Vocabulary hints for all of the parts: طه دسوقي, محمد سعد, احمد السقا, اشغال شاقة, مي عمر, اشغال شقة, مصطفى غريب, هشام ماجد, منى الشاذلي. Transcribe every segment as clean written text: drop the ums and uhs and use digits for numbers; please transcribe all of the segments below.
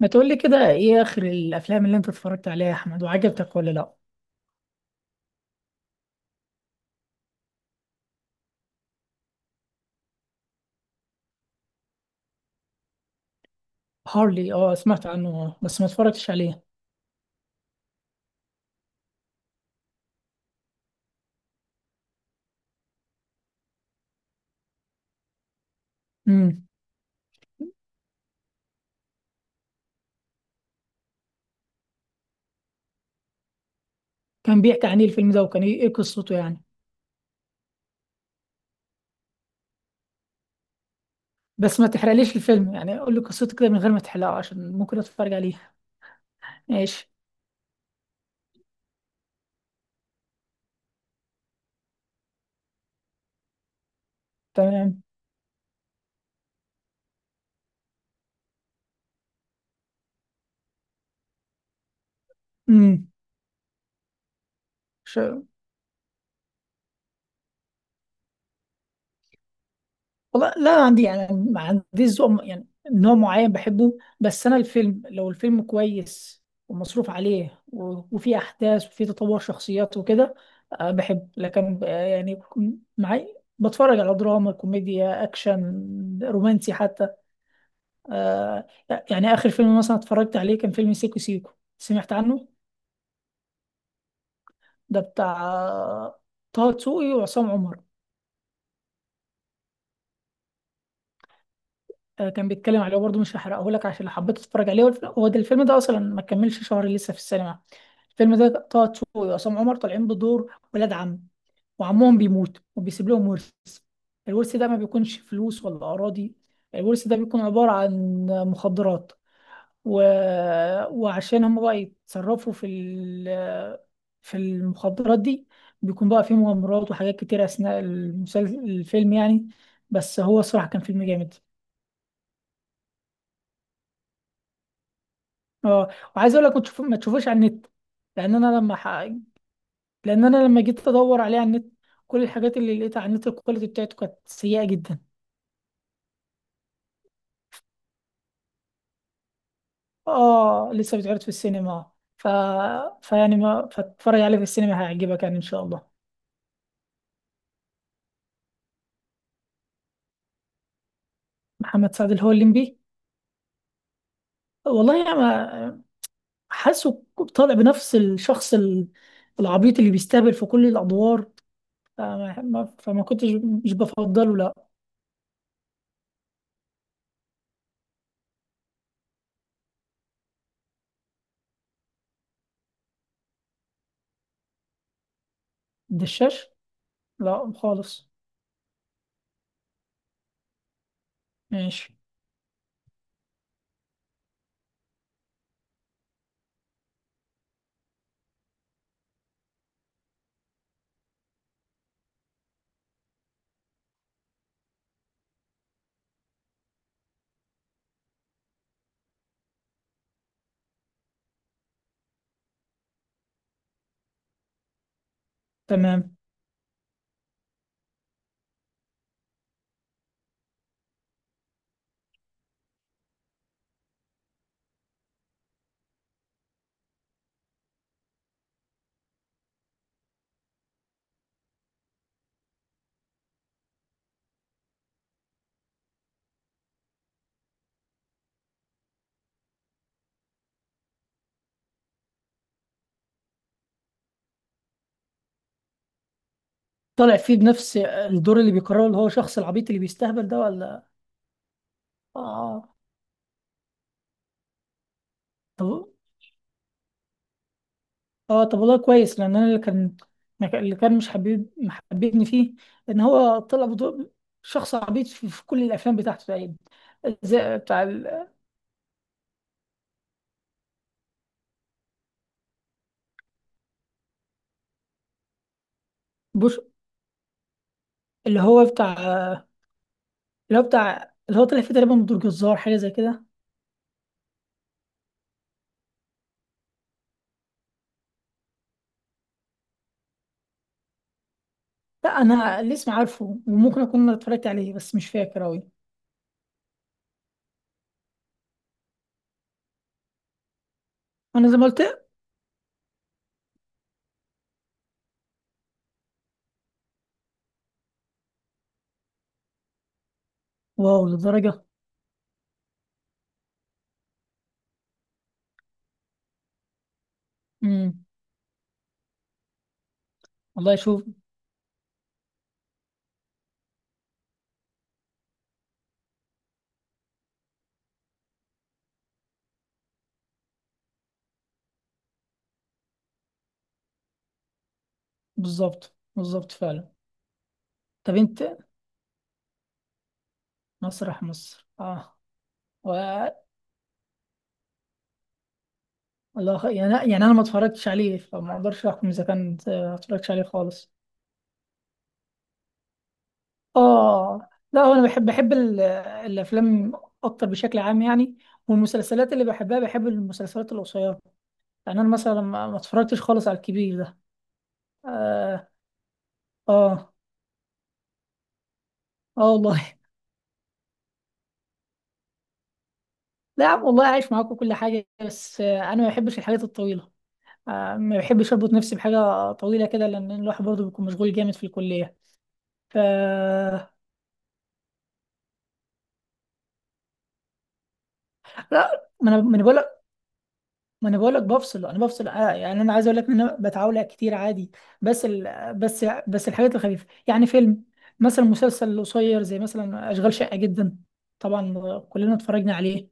ما تقولي كده، ايه اخر الافلام اللي انت اتفرجت عليها يا احمد وعجبتك ولا لا؟ هارلي، اه سمعت عنه، بس ما اتفرجتش عليه. امم. كان بيحكي عن ايه الفيلم ده؟ وكان ايه قصته يعني؟ بس ما تحرقليش الفيلم يعني، قول لي قصته كده من غير ما تحرقه عشان ممكن اتفرج عليه. ماشي. تمام. امم. والله لا، أنا عندي يعني ما عنديش ذوق يعني نوع معين بحبه. بس انا الفيلم، لو الفيلم كويس ومصروف عليه و- وفيه احداث وفيه تطور شخصيات وكده، بحب، لكن يعني بكون معي بتفرج على دراما كوميديا اكشن رومانسي حتى. آه، يعني اخر فيلم مثلا اتفرجت عليه كان فيلم سيكو سيكو. سمعت عنه؟ ده بتاع طه دسوقي وعصام عمر. كان بيتكلم عليه برضه، مش هحرقه لك عشان لو حبيت تتفرج عليه. هو ده الفيلم ده اصلا ما كملش شهر لسه في السينما. الفيلم ده طه دسوقي وعصام عمر طالعين بدور ولاد عم، وعمهم بيموت وبيسيب لهم ورث. الورث ده ما بيكونش فلوس ولا اراضي، الورث ده بيكون عبارة عن مخدرات و... وعشان هم بقى يتصرفوا في في المخدرات دي، بيكون بقى فيه مغامرات وحاجات كتير اثناء الفيلم يعني. بس هو الصراحة كان فيلم جامد. اه. وعايز اقول لك ما تشوفوش على النت لان انا لما ح... لان انا لما جيت ادور عليه على النت، كل الحاجات اللي لقيتها على النت الكواليتي بتاعته كانت سيئه جدا. اه، لسه بتعرض في السينما. ف فيعني ما فاتفرج عليه في السينما هيعجبك يعني ان شاء الله. محمد سعد اللي هو الليمبي؟ والله يا ما، حاسه طالع بنفس الشخص العبيط اللي بيستهبل في كل الادوار. فما كنتش، مش بفضله، لا. الدشاش؟ لا خالص. ماشي. تمام. طالع فيه بنفس الدور اللي بيكرره، اللي هو شخص العبيط اللي بيستهبل ده ولا؟ اه، آه. طب. اه، طب والله كويس، لان انا اللي كان، اللي كان مش محببني فيه ان هو طلع بدور شخص عبيط في كل الافلام بتاعته تقريبا. زي بتاع ال- بوش اللي هو بتاع، اللي هو طلع فيه تقريبا بدور جزار، حاجه زي كده. لا، انا الاسم عارفه وممكن اكون اتفرجت عليه بس مش فاكر اوي. انا زي ما قلت. واو، للدرجه؟ امم. والله شوف. بالظبط بالظبط فعلا. طب انت، مسرح مصر؟ اه. و يعني انا ما اتفرجتش عليه فما اقدرش احكم اذا كان، ما اتفرجتش عليه خالص. اه، لا هو انا بحب الافلام اكتر بشكل عام يعني، والمسلسلات اللي بحبها بحب المسلسلات القصيره. يعني انا مثلا ما اتفرجتش خالص على الكبير ده. اه. اه. اه والله. لا يا عم، والله عايش معاكم كل حاجه، بس انا ما بحبش الحاجات الطويله، ما بحبش اربط نفسي بحاجه طويله كده لان الواحد برضه بيكون مشغول جامد في الكليه. ف لا، ما انا بقول لك، ما انا بقول لك بفصل، انا بفصل، يعني انا عايز اقول لك ان انا بتعاول كتير عادي. بس الحاجات الخفيفه، يعني فيلم مثلا، مسلسل قصير زي مثلا اشغال شقه جدا. طبعا كلنا اتفرجنا عليه.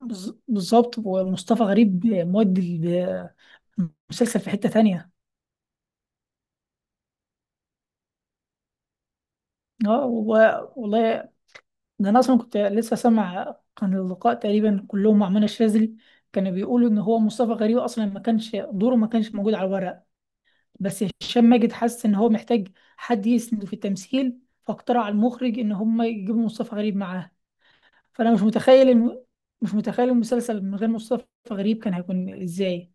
بالظبط، ومصطفى غريب مودي المسلسل في حته تانية. اه، والله. ده انا اصلا كنت لسه سامع، كان اللقاء تقريبا كلهم مع منى الشاذلي، كانوا بيقولوا ان هو مصطفى غريب اصلا ما كانش دوره، ما كانش موجود على الورق. بس هشام ماجد حس ان هو محتاج حد يسنده في التمثيل، فاقترح على المخرج ان هم يجيبوا مصطفى غريب معاه. فانا مش متخيل المسلسل من غير مصطفى غريب، كان هيكون ازاي.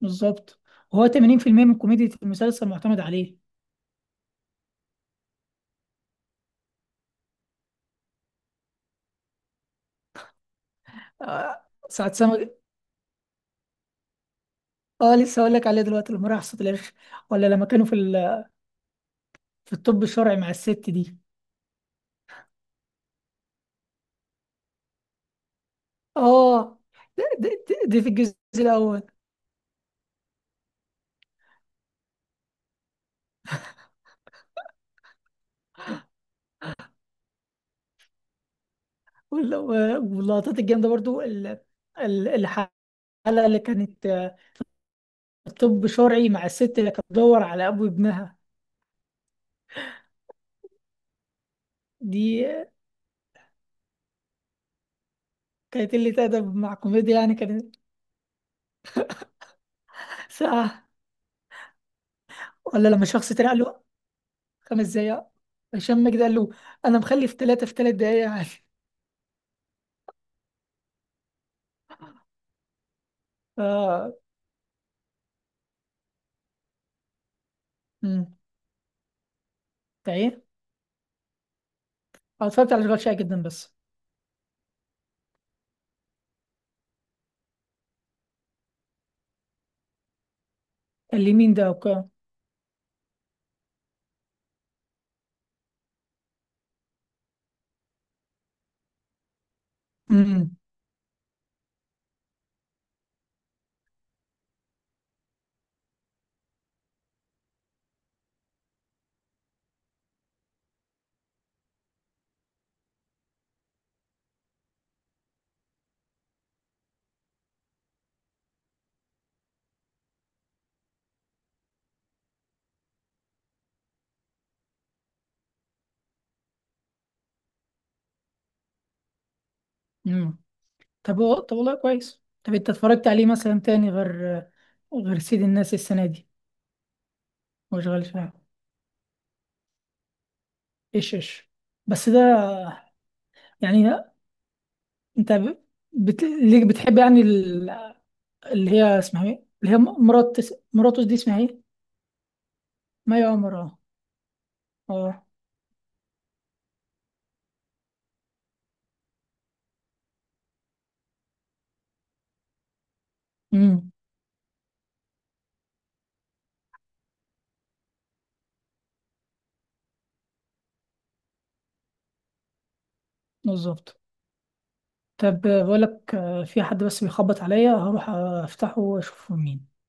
بالظبط. وهو 80% من كوميديا المسلسل معتمد عليه. سعد سمك. اه، لسه هقول لك عليه دلوقتي، لما راح صوت الاخر. ولا لما كانوا في في الطب الشرعي مع الست دي. اه، دي في الجزء الاول. وال- واللقطات الجامده برضو الحلقه اللي كانت طب شرعي مع الست اللي كانت بتدور على ابو ابنها، دي كانت قلة ادب مع كوميديا يعني، كانت ساعة. ولا لما شخص اتريق له، 5 دقايق. هشام ماجد قال له، انا مخلف ثلاثة في 3 دقايق عادي. اه. امم. ده ايه؟ أنا اتفرجت على اشغال شاقة جدا بس. قال لي مين ده؟ امم. امم. طب والله كويس، طب انت اتفرجت عليه مثلا تاني غير سيد الناس السنة دي؟ واشغال شاقة؟ ايش ايش. بس ده، يعني انت ليه بتحب يعني اللي هي اسمها ايه، اللي هي مراتوس دي اسمها ايه؟ مي عمر؟ اه. اه. امم. بالظبط. طب بقول لك، في حد بس بيخبط عليا، هروح افتحه واشوفه مين.